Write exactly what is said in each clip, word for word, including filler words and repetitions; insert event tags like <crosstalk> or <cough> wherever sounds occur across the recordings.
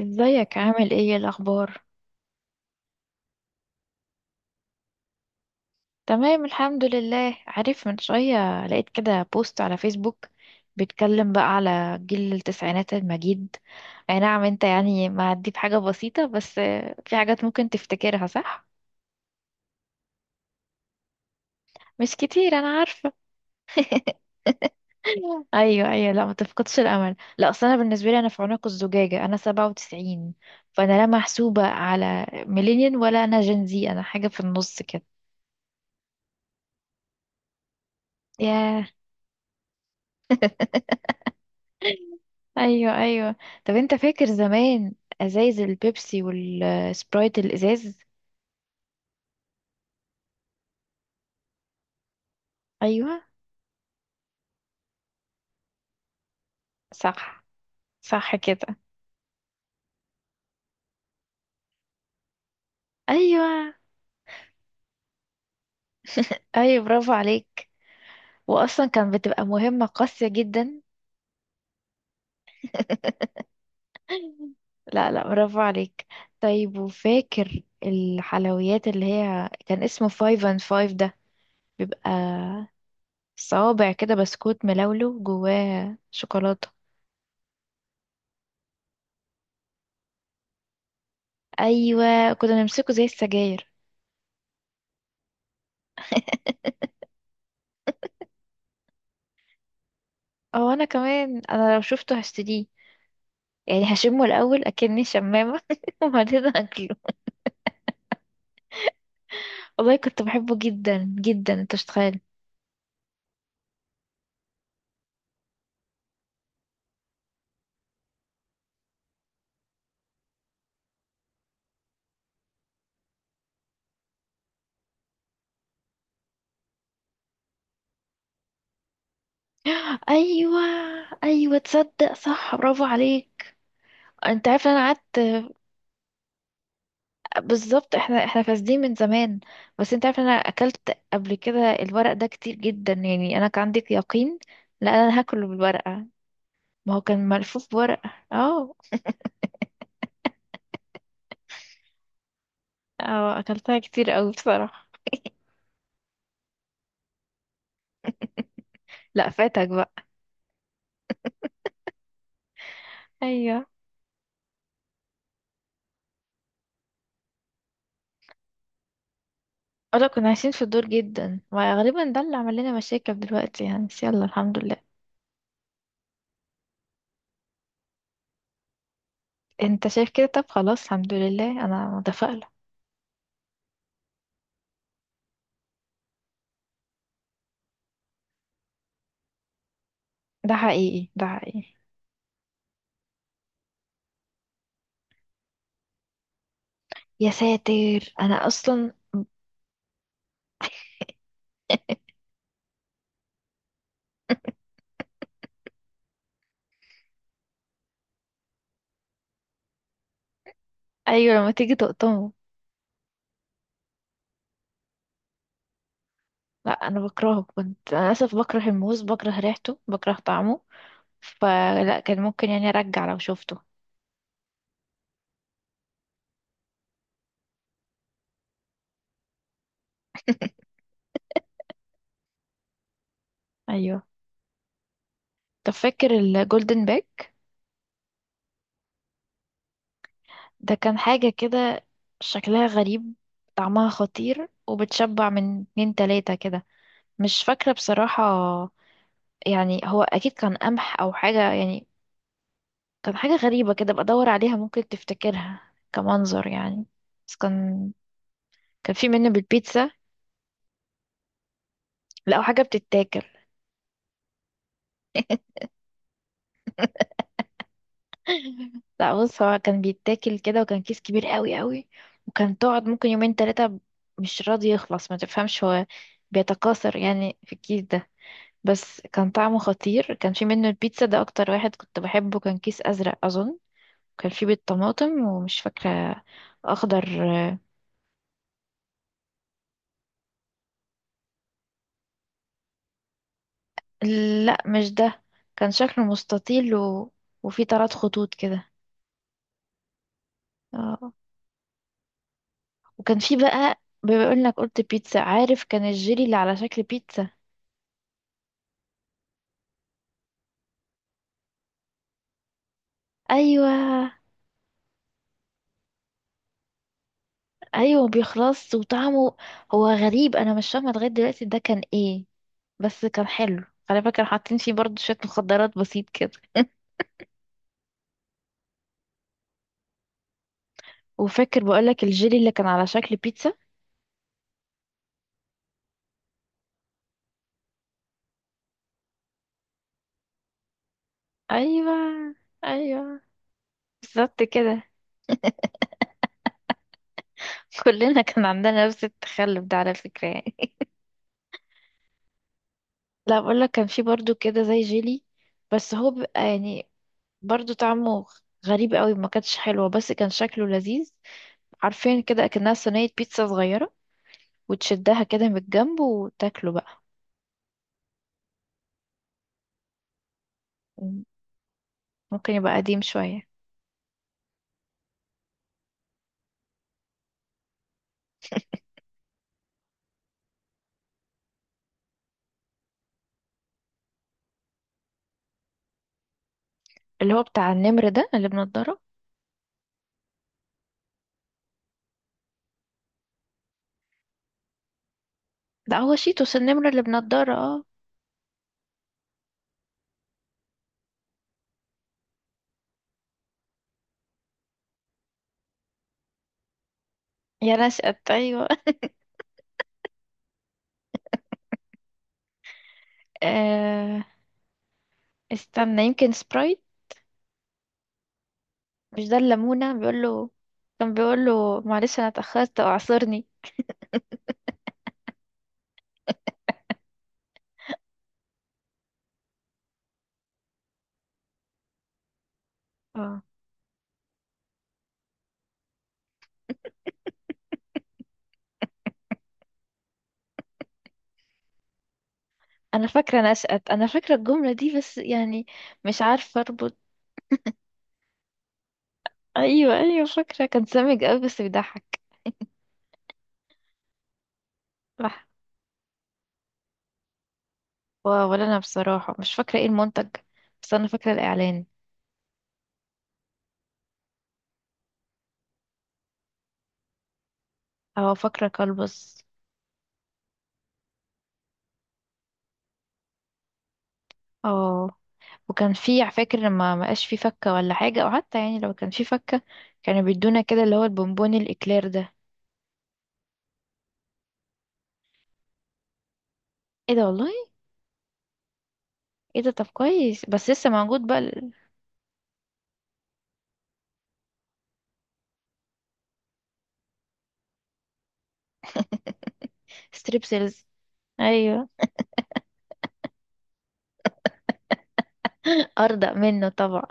ازيك؟ عامل ايه؟ إيه الاخبار؟ تمام الحمد لله. عارف، من شوية لقيت كده بوست على فيسبوك بيتكلم بقى على جيل التسعينات المجيد. اي نعم، انت يعني معدي بحاجة بسيطة بس في حاجات ممكن تفتكرها. صح، مش كتير انا عارفة. <laughs> ايوه ايوه، لا ما تفقدش الامل. لا اصل انا بالنسبه لي، انا في عنق الزجاجه انا سبعة وتسعين، فانا لا محسوبه على ميلينيال ولا انا جنزي، انا حاجه في النص كده. ياه. <laughs> ايوه ايوه. طب انت فاكر زمان ازايز البيبسي والسبرايت الازاز؟ ايوه. صح، صح كده. ايوه ايوه، برافو عليك. واصلا كان بتبقى مهمة قاسية جدا. <laughs> لا لا، برافو عليك. طيب، وفاكر الحلويات اللي هي كان اسمه فايف اند فايف ده؟ بيبقى صوابع كده بسكوت ملولو جواه شوكولاتة. ايوه، كنا نمسكه زي السجاير. <laughs> او انا كمان، انا لو شفته هشتريه. يعني هشمه الاول اكني شمامه، <laughs> وبعدين هاكله. والله كنت بحبه جدا جدا، انت مش تخيل. ايوه ايوه، تصدق؟ صح، برافو عليك. انت عارف انا قعدت؟ بالظبط، احنا احنا فاسدين من زمان. بس انت عارف، انا اكلت قبل كده الورق ده كتير جدا. يعني انا كان عندي يقين لا، انا هاكله بالورقه. ما هو كان ملفوف بورقه، اه. اه، اكلتها كتير قوي بصراحه. لا فاتك بقى. ايوه. اه لا، كنا عايشين في الدور جدا، وغالبا ده اللي عمل لنا مشاكل دلوقتي يعني، بس يلا الحمد لله. انت شايف كده؟ طب خلاص، الحمد لله، انا متفائلة. ده حقيقي، ده حقيقي. يا ساتر، انا اصلا. ايوه، لما تيجي تقطمه. لا انا بكرهه، كنت انا للاسف بكره الموز، بكره ريحته، بكره طعمه. فلا كان ممكن يعني ارجع لو شفته. ايوه. طب فاكر الجولدن باك؟ ده كان حاجة كده شكلها غريب، طعمها خطير، وبتشبع من اتنين تلاتة كده. مش فاكرة بصراحة. يعني هو أكيد كان قمح أو حاجة يعني. كان حاجة غريبة كده، بدور عليها ممكن تفتكرها كمنظر يعني. بس كان، كان في منه بالبيتزا. لا حاجة بتتاكل. <laughs> لا بص، هو كان بيتاكل كده، وكان كيس كبير قوي قوي. وكان تقعد ممكن يومين تلاتة مش راضي يخلص، ما تفهمش هو بيتكاثر يعني في الكيس ده. بس كان طعمه خطير. كان في منه البيتزا ده، أكتر واحد كنت بحبه. كان كيس أزرق أظن. كان في بيض، طماطم، ومش فاكرة، أخضر. لا مش ده، كان شكله مستطيل و... وفي طرات خطوط كده. اه. وكان في بقى، بما انك قلت بيتزا، عارف كان الجيلي اللي على شكل بيتزا. ايوه ايوه، بيخلص وطعمه، هو غريب انا مش فاهمه لغايه دلوقتي ده كان ايه. بس كان حلو. على فكره حاطين فيه برضه شويه مخدرات بسيط كده. <laughs> وفاكر بقولك الجيلي اللي كان على شكل بيتزا. ايوه ايوه، بالظبط كده. <laughs> كلنا كان عندنا نفس التخلف ده على فكرة يعني. <laughs> لا بقول لك، كان في برضو كده زي جيلي، بس هو بيبقى يعني برضو طعمه غريب قوي، ما كانتش حلوة بس كان شكله لذيذ. عارفين كده اكنها صينية بيتزا صغيرة، وتشدها كده من الجنب وتاكله بقى. مم. ممكن يبقى قديم شوية. اللي هو بتاع النمر ده اللي بنضارة. لا، هو شيتوس، النمر اللي بنضارة، اه. يا نشأت، ايوه. <laughs> آه. استنى، يمكن سبرايت. مش ده الليمونة بيقول له؟ كان بيقول له معلش انا اتأخرت اعذرني. اه. <laughs> انا فاكرة نشأت، انا فاكرة الجملة دي بس يعني مش عارفة اربط. ايوه ايوه، فاكرة، كان سامج قوي بس بيضحك. صح. و- ولا انا بصراحة مش فاكرة ايه المنتج، بس انا فاكرة الاعلان. اه فاكرة كلبس. اه. وكان في، فاكر لما ما بقاش في فكة ولا حاجة، او حتى يعني لو كان في فكة، كانوا بيدونا كده اللي هو البونبوني الاكلير ده. ايه ده والله. ايه ده؟ طب كويس، بس لسه موجود بقى؟ ستريبسلز. ايوه. <laughs> ارضى منه طبعا.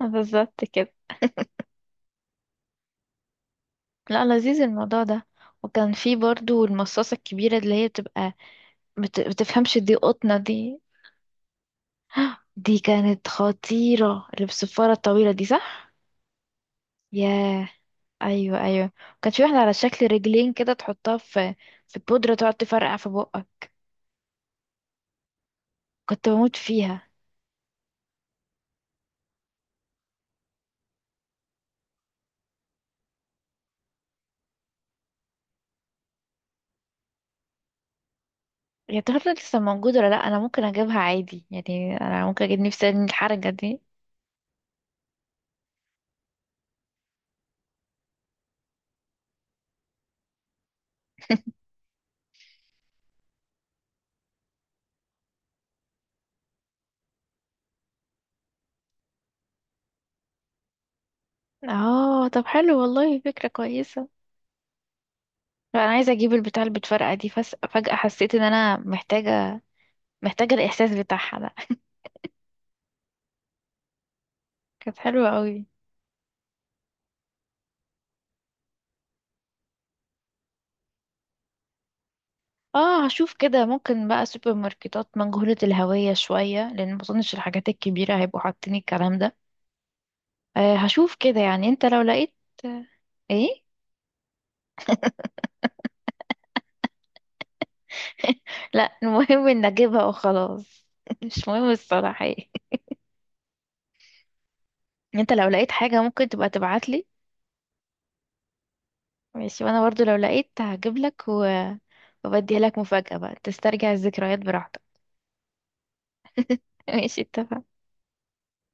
بالظبط كده. لا، لذيذ الموضوع ده. وكان في برضو المصاصة الكبيرة اللي هي بتبقى، بت... بتفهمش دي قطنة دي. دي كانت خطيرة، اللي بالصفارة الطويلة دي، صح؟ ياه. ايوه ايوه. كان في واحدة على شكل رجلين كده، تحطها في في بودرة، تقعد تفرقع في بقك. كنت بموت فيها. يا ترى لسه موجودة ولا لا؟ انا ممكن اجيبها عادي يعني، انا ممكن اجيب نفسي من الحركة دي. اه، طب حلو والله، فكرة كويسة. لا انا عايزه اجيب البتاع اللي بتفرقع دي، فس... فجاه حسيت ان انا محتاجه، محتاجه الاحساس بتاعها ده. <laughs> كانت حلوه قوي. اه هشوف كده، ممكن بقى سوبر ماركتات مجهوله الهويه شويه، لان ما اظنش الحاجات الكبيره هيبقوا حاطين الكلام ده. آه هشوف كده يعني، انت لو لقيت. ايه؟ لا، <laughs> المهم ان اجيبها وخلاص، <laughs> مش مهم الصراحه ايه. <laughs> انت لو لقيت حاجه ممكن تبقى تبعتلي. ماشي، وانا برضو لو لقيت هجيب لك و... وبديها لك مفاجاه بقى، تسترجع الذكريات براحتك. <laughs> ماشي، اتفقنا.